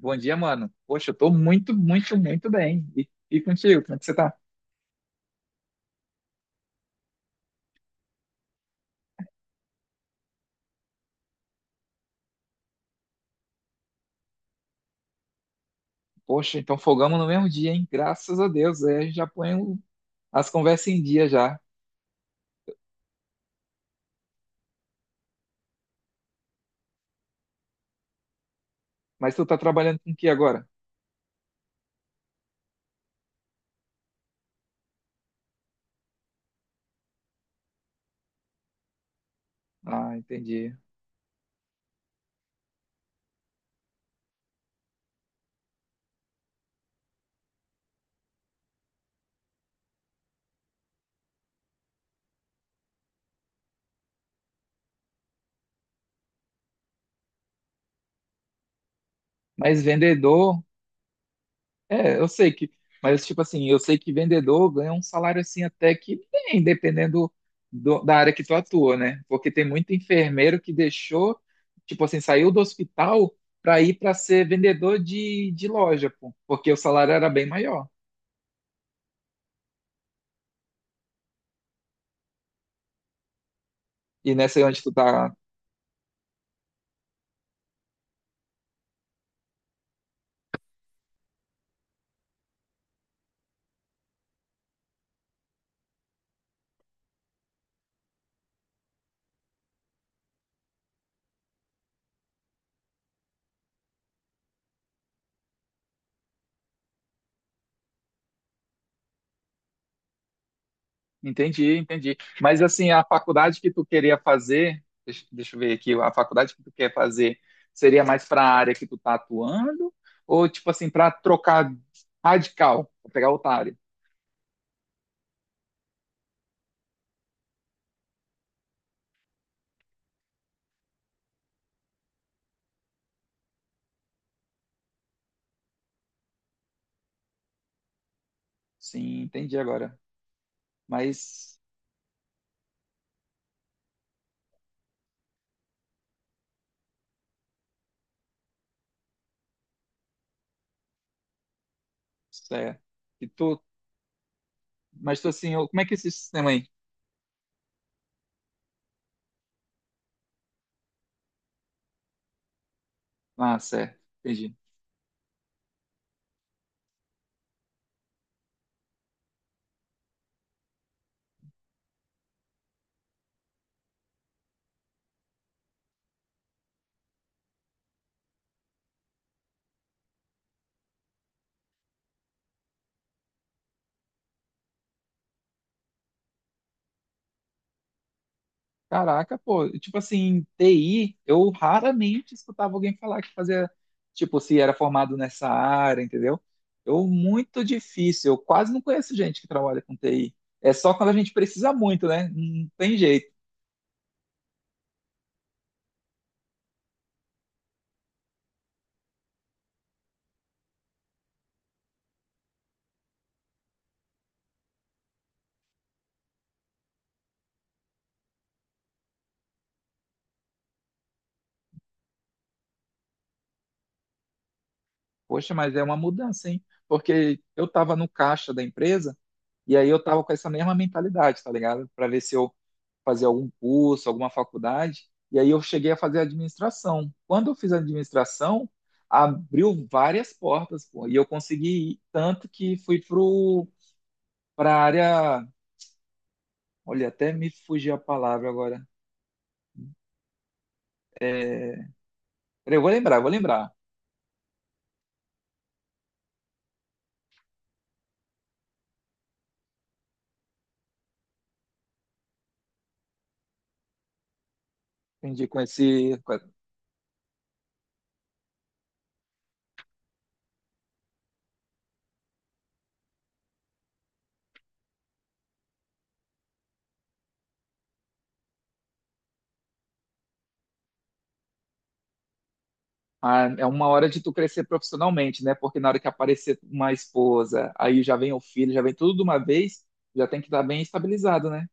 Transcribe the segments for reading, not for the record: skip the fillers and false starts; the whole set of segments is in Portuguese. Bom dia, mano. Poxa, eu tô muito, muito, muito bem. E contigo, como é que você tá? Poxa, então folgamos no mesmo dia, hein? Graças a Deus. Aí a gente já põe as conversas em dia já. Mas tu tá trabalhando com o que agora? Ah, entendi. Mas vendedor, é, eu sei que, mas tipo assim, eu sei que vendedor ganha um salário assim até que bem, dependendo da área que tu atua, né? Porque tem muito enfermeiro que deixou, tipo assim, saiu do hospital para ir para ser vendedor de loja, pô, porque o salário era bem maior. E nessa aí onde tu tá. Entendi, entendi. Mas assim, a faculdade que tu queria fazer, deixa eu ver aqui, a faculdade que tu quer fazer seria mais para a área que tu tá atuando ou tipo assim, para trocar radical, pra pegar outra área? Sim, entendi agora. Mas certo. E tu, mas tu assim, como é que é esse sistema aí? Ah, certo. Entendi. Caraca, pô, tipo assim, TI, eu raramente escutava alguém falar que fazia, tipo, se era formado nessa área, entendeu? Eu, muito difícil, eu quase não conheço gente que trabalha com TI. É só quando a gente precisa muito, né? Não tem jeito. Poxa, mas é uma mudança, hein? Porque eu tava no caixa da empresa e aí eu tava com essa mesma mentalidade, tá ligado? Para ver se eu fazer algum curso, alguma faculdade, e aí eu cheguei a fazer administração. Quando eu fiz administração, abriu várias portas, pô, e eu consegui ir, tanto que fui para a área. Olha, até me fugiu a palavra agora. É, peraí, eu vou lembrar, eu vou lembrar. Entendi com esse. É uma hora de tu crescer profissionalmente, né? Porque na hora que aparecer uma esposa, aí já vem o filho, já vem tudo de uma vez, já tem que estar bem estabilizado, né?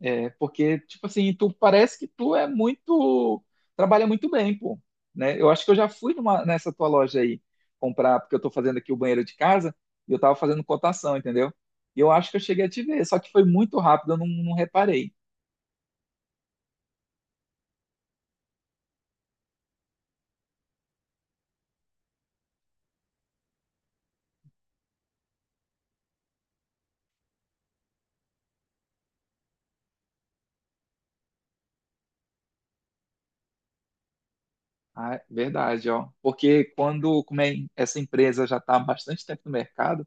É, porque, tipo assim, tu parece que tu é muito. Trabalha muito bem, pô. Né? Eu acho que eu já fui nessa tua loja aí comprar, porque eu tô fazendo aqui o banheiro de casa e eu tava fazendo cotação, entendeu? E eu acho que eu cheguei a te ver, só que foi muito rápido, eu não, não reparei. Ah, é verdade, ó. Porque quando, como é, essa empresa já está há bastante tempo no mercado,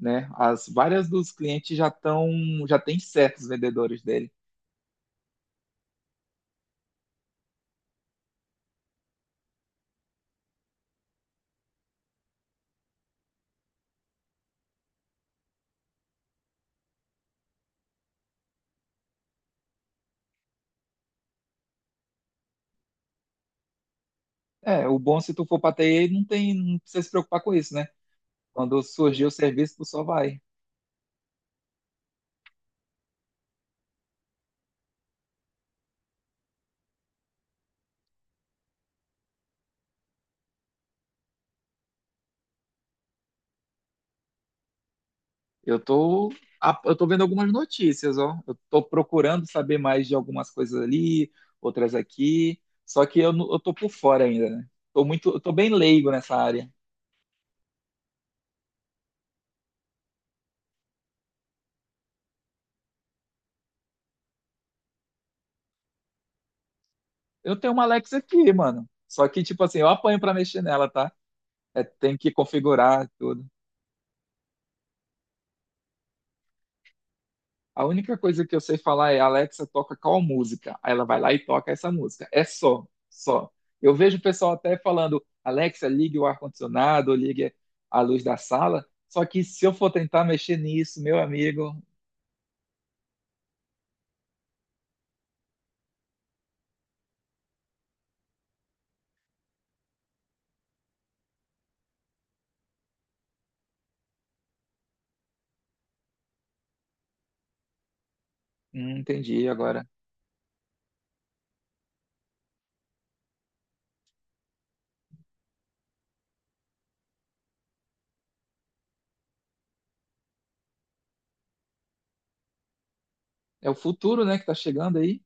né? As várias dos clientes já estão, já tem certos vendedores dele. É, o bom se tu for para TI, não tem, não precisa se preocupar com isso, né? Quando surgir o serviço, tu só vai. Eu tô, eu tô vendo algumas notícias, ó. Eu tô procurando saber mais de algumas coisas ali, outras aqui. Só que eu, não- eu tô por fora ainda, né? Eu tô bem leigo nessa área. Eu tenho uma Alexa aqui, mano. Só que, tipo assim, eu apanho pra mexer nela, tá? É, tem que configurar tudo. A única coisa que eu sei falar é, Alexa, toca qual música? Aí ela vai lá e toca essa música. É só, só. Eu vejo o pessoal até falando, Alexa, ligue o ar-condicionado, ou ligue a luz da sala. Só que se eu for tentar mexer nisso, meu amigo, entendi agora. É o futuro, né, que tá chegando aí.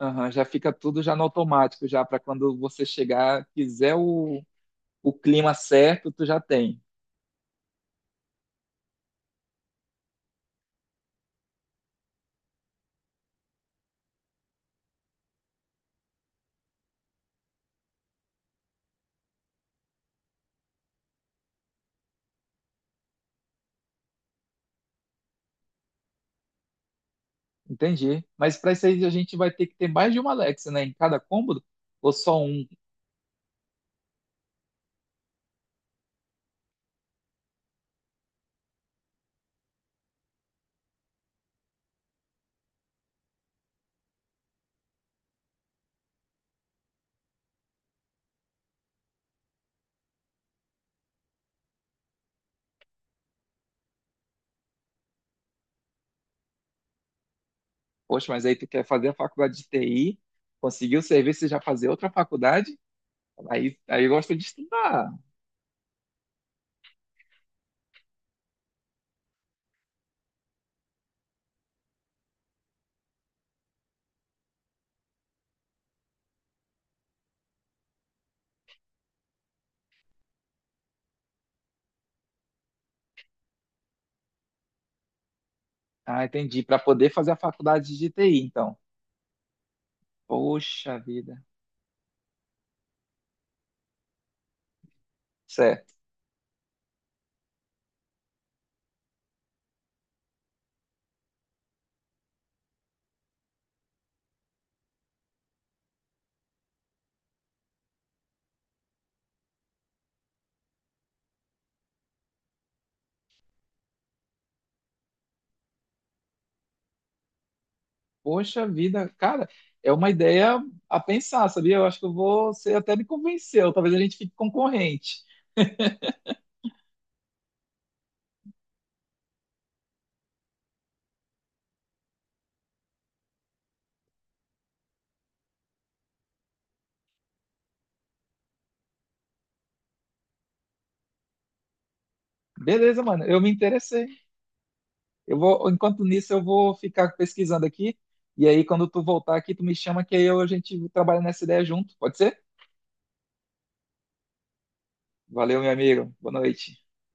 Aham, já fica tudo já no automático, já para quando você chegar, quiser o clima certo, tu já tem. Entendi. Mas para isso aí a gente vai ter que ter mais de uma Alexa, né, em cada cômodo, ou só um? Poxa, mas aí tu quer fazer a faculdade de TI, conseguir o serviço e já fazer outra faculdade? Aí eu gosto de estudar. Ah, entendi. Para poder fazer a faculdade de TI, então. Poxa vida. Certo. Poxa vida, cara, é uma ideia a pensar, sabia? Eu acho que eu vou, você até me convenceu. Talvez a gente fique concorrente. Beleza, mano, eu me interessei. Eu vou, enquanto nisso, eu vou ficar pesquisando aqui. E aí, quando tu voltar aqui, tu me chama que aí a gente trabalha nessa ideia junto. Pode ser? Valeu, meu amigo. Boa noite.